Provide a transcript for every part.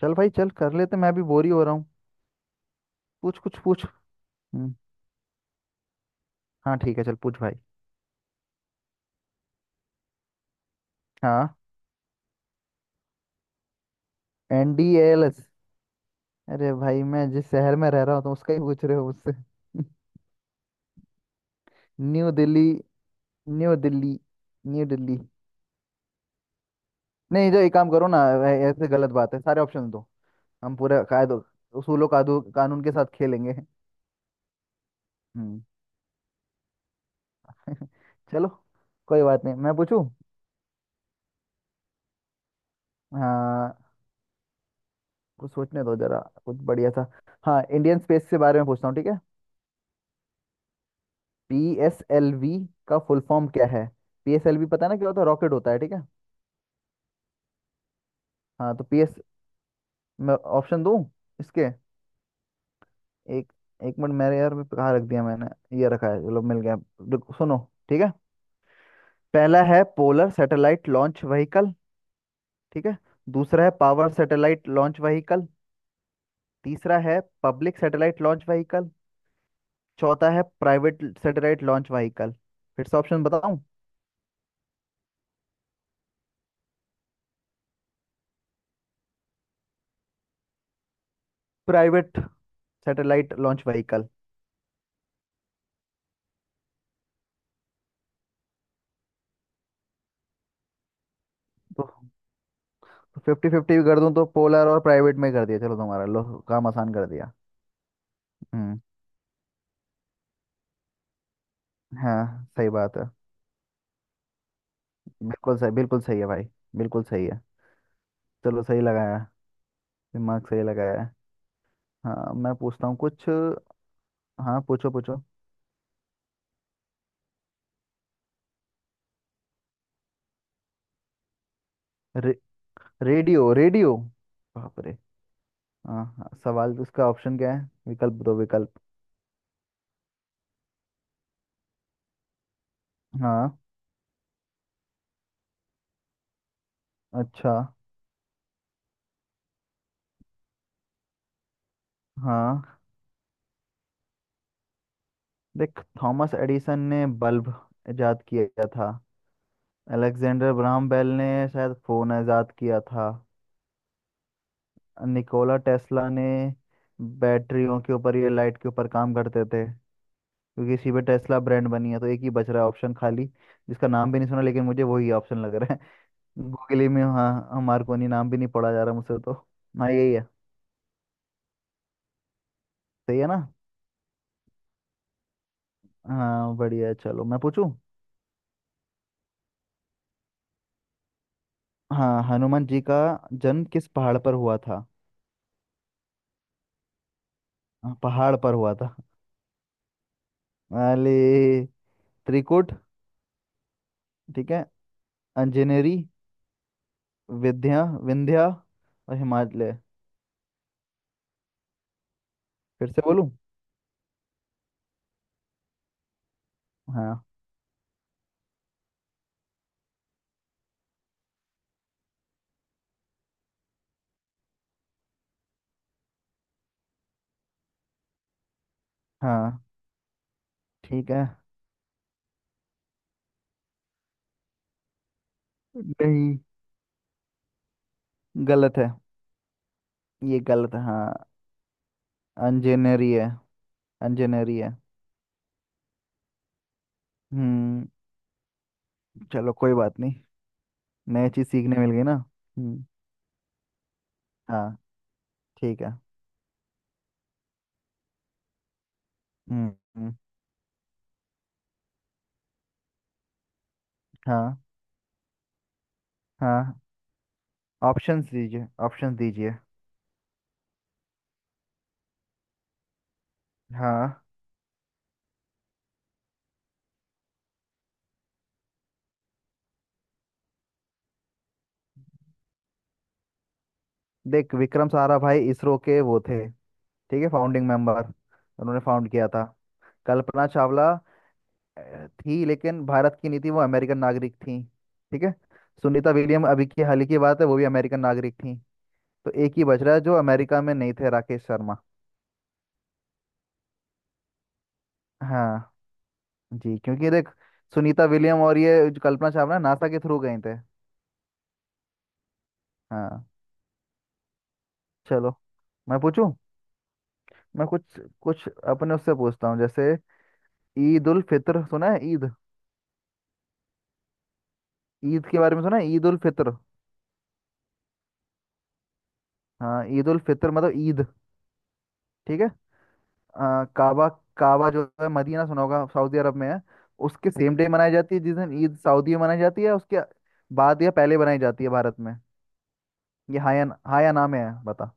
चल भाई, चल कर लेते। मैं भी बोर ही हो रहा हूँ। पूछ, कुछ पूछ। हम्म। हाँ ठीक है, चल पूछ भाई। हाँ, एनडीएलएस। अरे भाई, मैं जिस शहर में रह रहा हूँ तो उसका ही पूछ रहे हो मुझसे। न्यू दिल्ली। न्यू दिल्ली। न्यू दिल्ली। नहीं, जो एक काम करो ना, ऐसे गलत बात है, सारे ऑप्शन दो। हम पूरा कायदो, उसूलों, कादू, कानून के साथ खेलेंगे। हम्म। चलो, कोई बात नहीं, मैं पूछूं। हाँ, कुछ सोचने दो जरा, कुछ बढ़िया सा। हाँ, इंडियन स्पेस के बारे में पूछता हूँ, ठीक है? पीएसएलवी का फुल फॉर्म क्या है? पीएसएलवी पता है ना क्या होता है? रॉकेट होता है, ठीक है। हाँ तो पीएस मैं ऑप्शन दूं इसके। एक एक मिनट मेरे यार, मैं कहाँ रख दिया मैंने। ये रखा है, चलो मिल गया। रुको, सुनो। ठीक है। पहला है पोलर सैटेलाइट लॉन्च व्हीकल, ठीक है। दूसरा है पावर सैटेलाइट लॉन्च व्हीकल। तीसरा है पब्लिक सैटेलाइट लॉन्च व्हीकल। चौथा है प्राइवेट सैटेलाइट लॉन्च व्हीकल। फिर से ऑप्शन बताऊं? Private satellite launch vehicle. तो फिफ्टी फिफ्टी भी कर दूं तो पोलर और प्राइवेट में कर दिया, चलो तुम्हारा लो। काम आसान कर दिया। हम्म, हाँ सही बात है। बिल्कुल सही, बिल्कुल सही है भाई। बिल्कुल सही है। चलो, सही लगाया, दिमाग सही लगाया है। हाँ, मैं पूछता हूँ कुछ। हाँ, पूछो पूछो। रे, रेडियो। रेडियो, बाप रे। हाँ हाँ, सवाल उसका ऑप्शन क्या है? विकल्प दो, विकल्प। हाँ। अच्छा। हाँ, देख, थॉमस एडिसन ने बल्ब इजाद किया था। अलेक्जेंडर ग्राहम बेल ने शायद फोन इजाद किया था। निकोला टेस्ला ने बैटरियों के ऊपर या लाइट के ऊपर काम करते थे। क्योंकि इसी पे टेस्ला ब्रांड बनी है, तो एक ही बच रहा है ऑप्शन खाली, जिसका नाम भी नहीं सुना, लेकिन मुझे वही ऑप्शन लग रहा है। गूगली में। हाँ हमारे को नहीं, नाम भी नहीं पढ़ा जा रहा मुझसे तो। हाँ, यही है। सही है ना? हाँ, बढ़िया है, चलो मैं पूछूं। हाँ, हनुमान जी का जन्म किस पहाड़ पर हुआ था? हाँ, पहाड़ पर हुआ था। अरे, त्रिकुट, ठीक है। अंजनेरी। विद्या, विंध्या। और हिमालय। फिर से बोलूं? हाँ। हाँ, ठीक है। नहीं, गलत है। ये गलत है, हाँ। इंजीनियरी है, इंजीनियरी है। हम्म। चलो, कोई बात नहीं। नई चीज सीखने मिल गई ना। हम्म, हाँ, ठीक है। हम्म। हम्म, हाँ। हाँ। ऑप्शंस दीजिए, ऑप्शंस दीजिए। हाँ। देख, विक्रम साराभाई इसरो के वो थे, ठीक है, फाउंडिंग मेंबर। उन्होंने फाउंड किया था। कल्पना चावला थी, लेकिन भारत की नहीं थी, वो अमेरिकन नागरिक थी, ठीक है। सुनीता विलियम अभी की हाल ही की बात है, वो भी अमेरिकन नागरिक थी। तो एक ही बच रहा है जो अमेरिका में नहीं थे, राकेश शर्मा। हाँ। जी, क्योंकि देख, सुनीता विलियम और ये जो कल्पना चावला, नासा के थ्रू गए थे। हाँ। चलो, मैं पूछूं। मैं कुछ कुछ अपने उससे पूछता हूँ, जैसे ईद उल फित्र सुना है? ईद, ईद के बारे में सुना है? ईद उल फित्र। हाँ, ईद उल फित्र मतलब ईद, ठीक है। आ, काबा, काबा जो है मदीना, सुना होगा, सऊदी अरब में है। उसके सेम डे मनाई जाती है, जिस दिन ईद सऊदी में मनाई जाती है, उसके बाद या पहले मनाई जाती है भारत में। ये हाया हाया नाम है, बता।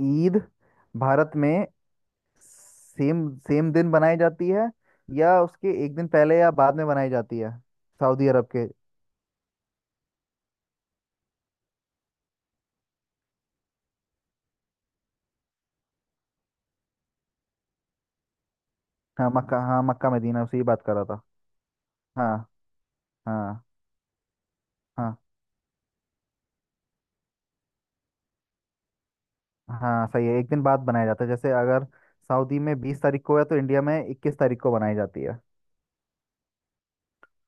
ईद भारत में सेम सेम दिन बनाई जाती है, या उसके एक दिन पहले या बाद में बनाई जाती है, सऊदी अरब के। हाँ, मक्का, हाँ मक्का मदीना, उसी की बात कर रहा था। हाँ। हाँ। हाँ। हाँ, सही है, एक दिन बाद बनाया जाता है। जैसे अगर सऊदी में 20 तारीख को है, तो इंडिया में 21 तारीख को बनाई जाती है।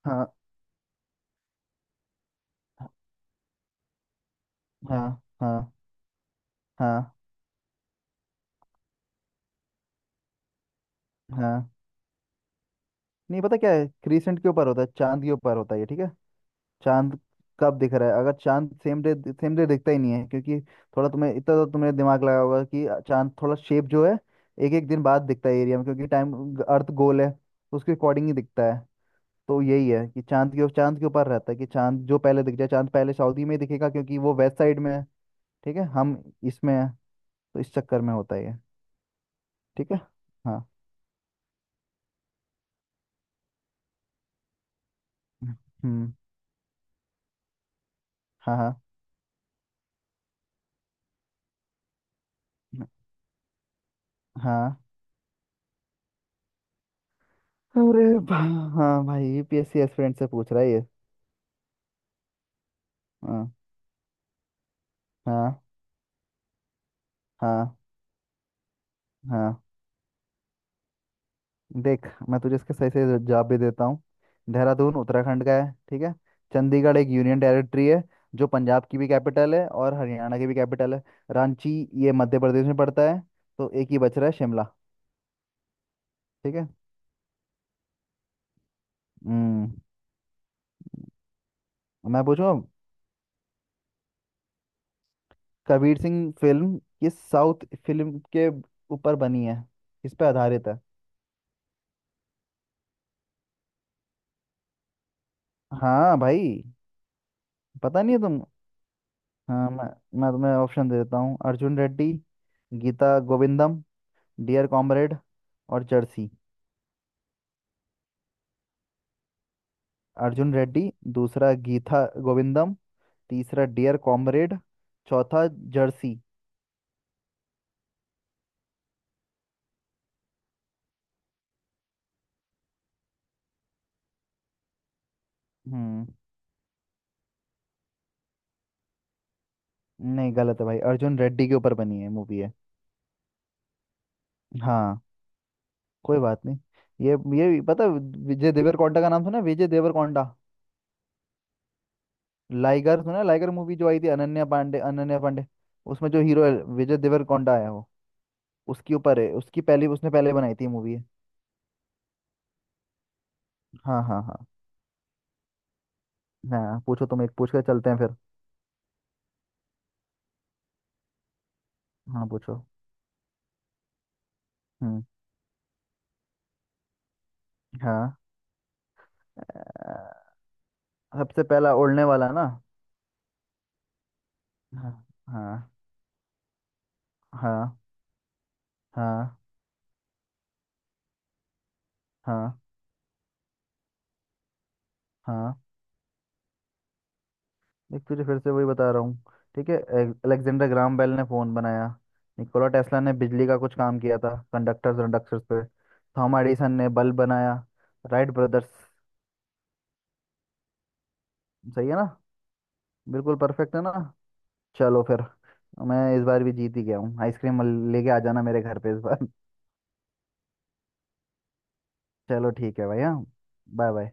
हाँ। हाँ। हाँ। हाँ। हाँ, नहीं पता क्या है, क्रीसेंट के ऊपर होता है, चांद के ऊपर होता है ये, ठीक है। चांद कब दिख रहा है, अगर चांद सेम डे दिखता ही नहीं है क्योंकि, थोड़ा तुम्हें इतना तो तुमने दिमाग लगाया होगा कि चांद थोड़ा शेप जो है, एक एक दिन बाद दिखता है एरिया में, क्योंकि टाइम, अर्थ गोल है तो उसके अकॉर्डिंग ही दिखता है। तो यही है कि चांद के ऊपर रहता है, कि चांद जो पहले दिख जाए, चांद पहले सऊदी में ही दिखेगा क्योंकि वो वेस्ट साइड में है, ठीक है। हम इसमें है, तो इस चक्कर में होता है ये। ठीक है। हाँ। हम्म। हाँ। हाँ। हाँ। अरे भा- हाँ भाई, यूपीएससी एस्पिरेंट से पूछ रहा है ये। हाँ। हाँ। हाँ। हाँ। देख, मैं तुझे इसके सही सही जवाब भी देता हूँ। देहरादून उत्तराखंड का है, ठीक है। चंडीगढ़ एक यूनियन टेरिटरी है, जो पंजाब की भी कैपिटल है और हरियाणा की भी कैपिटल है। रांची, ये मध्य प्रदेश में पड़ता है। तो एक ही बच रहा है, शिमला। ठीक है। हम्म। मैं पूछूं अब, कबीर सिंह फिल्म किस साउथ फिल्म के ऊपर बनी है, किस पे आधारित है? हाँ भाई। पता नहीं है तुम? हाँ, मैं तुम्हें ऑप्शन दे देता हूँ। अर्जुन रेड्डी, गीता गोविंदम, डियर कॉमरेड और जर्सी। अर्जुन रेड्डी, दूसरा गीता गोविंदम, तीसरा डियर कॉमरेड, चौथा जर्सी। हम्म। नहीं, गलत है भाई, अर्जुन रेड्डी के ऊपर बनी है मूवी है। हाँ, कोई बात नहीं। ये पता है, विजय देवरकोंडा का नाम सुना है? विजय देवरकोंडा, लाइगर सुना है? लाइगर मूवी जो आई थी, अनन्या पांडे, अनन्या पांडे, उसमें जो हीरो है विजय देवरकोंडा है वो। उसके ऊपर है, उसकी पहली, उसने पहले बनाई थी मूवी है। हाँ हाँ हाँ। हाँ, पूछो तुम, एक पूछ कर चलते हैं फिर। हाँ, पूछो। हम्म। हाँ, सबसे पहला उड़ने वाला ना। हाँ। हाँ। हाँ। हाँ। हाँ। हाँ, देख तुझे फिर से वही बता रहा हूँ। ठीक है, अलेक्जेंडर ग्राम बेल ने फोन बनाया। निकोला टेस्ला ने बिजली का कुछ काम किया था, कंडक्टर्स कंडक्टर्स पे। थॉमस एडिसन ने बल्ब बनाया। Wright brothers. सही है ना? बिल्कुल परफेक्ट है ना? चलो फिर, मैं इस बार भी जीत ही गया हूँ। आइसक्रीम लेके आ जाना मेरे घर पे इस बार। चलो ठीक है भाई। हाँ। Bye bye.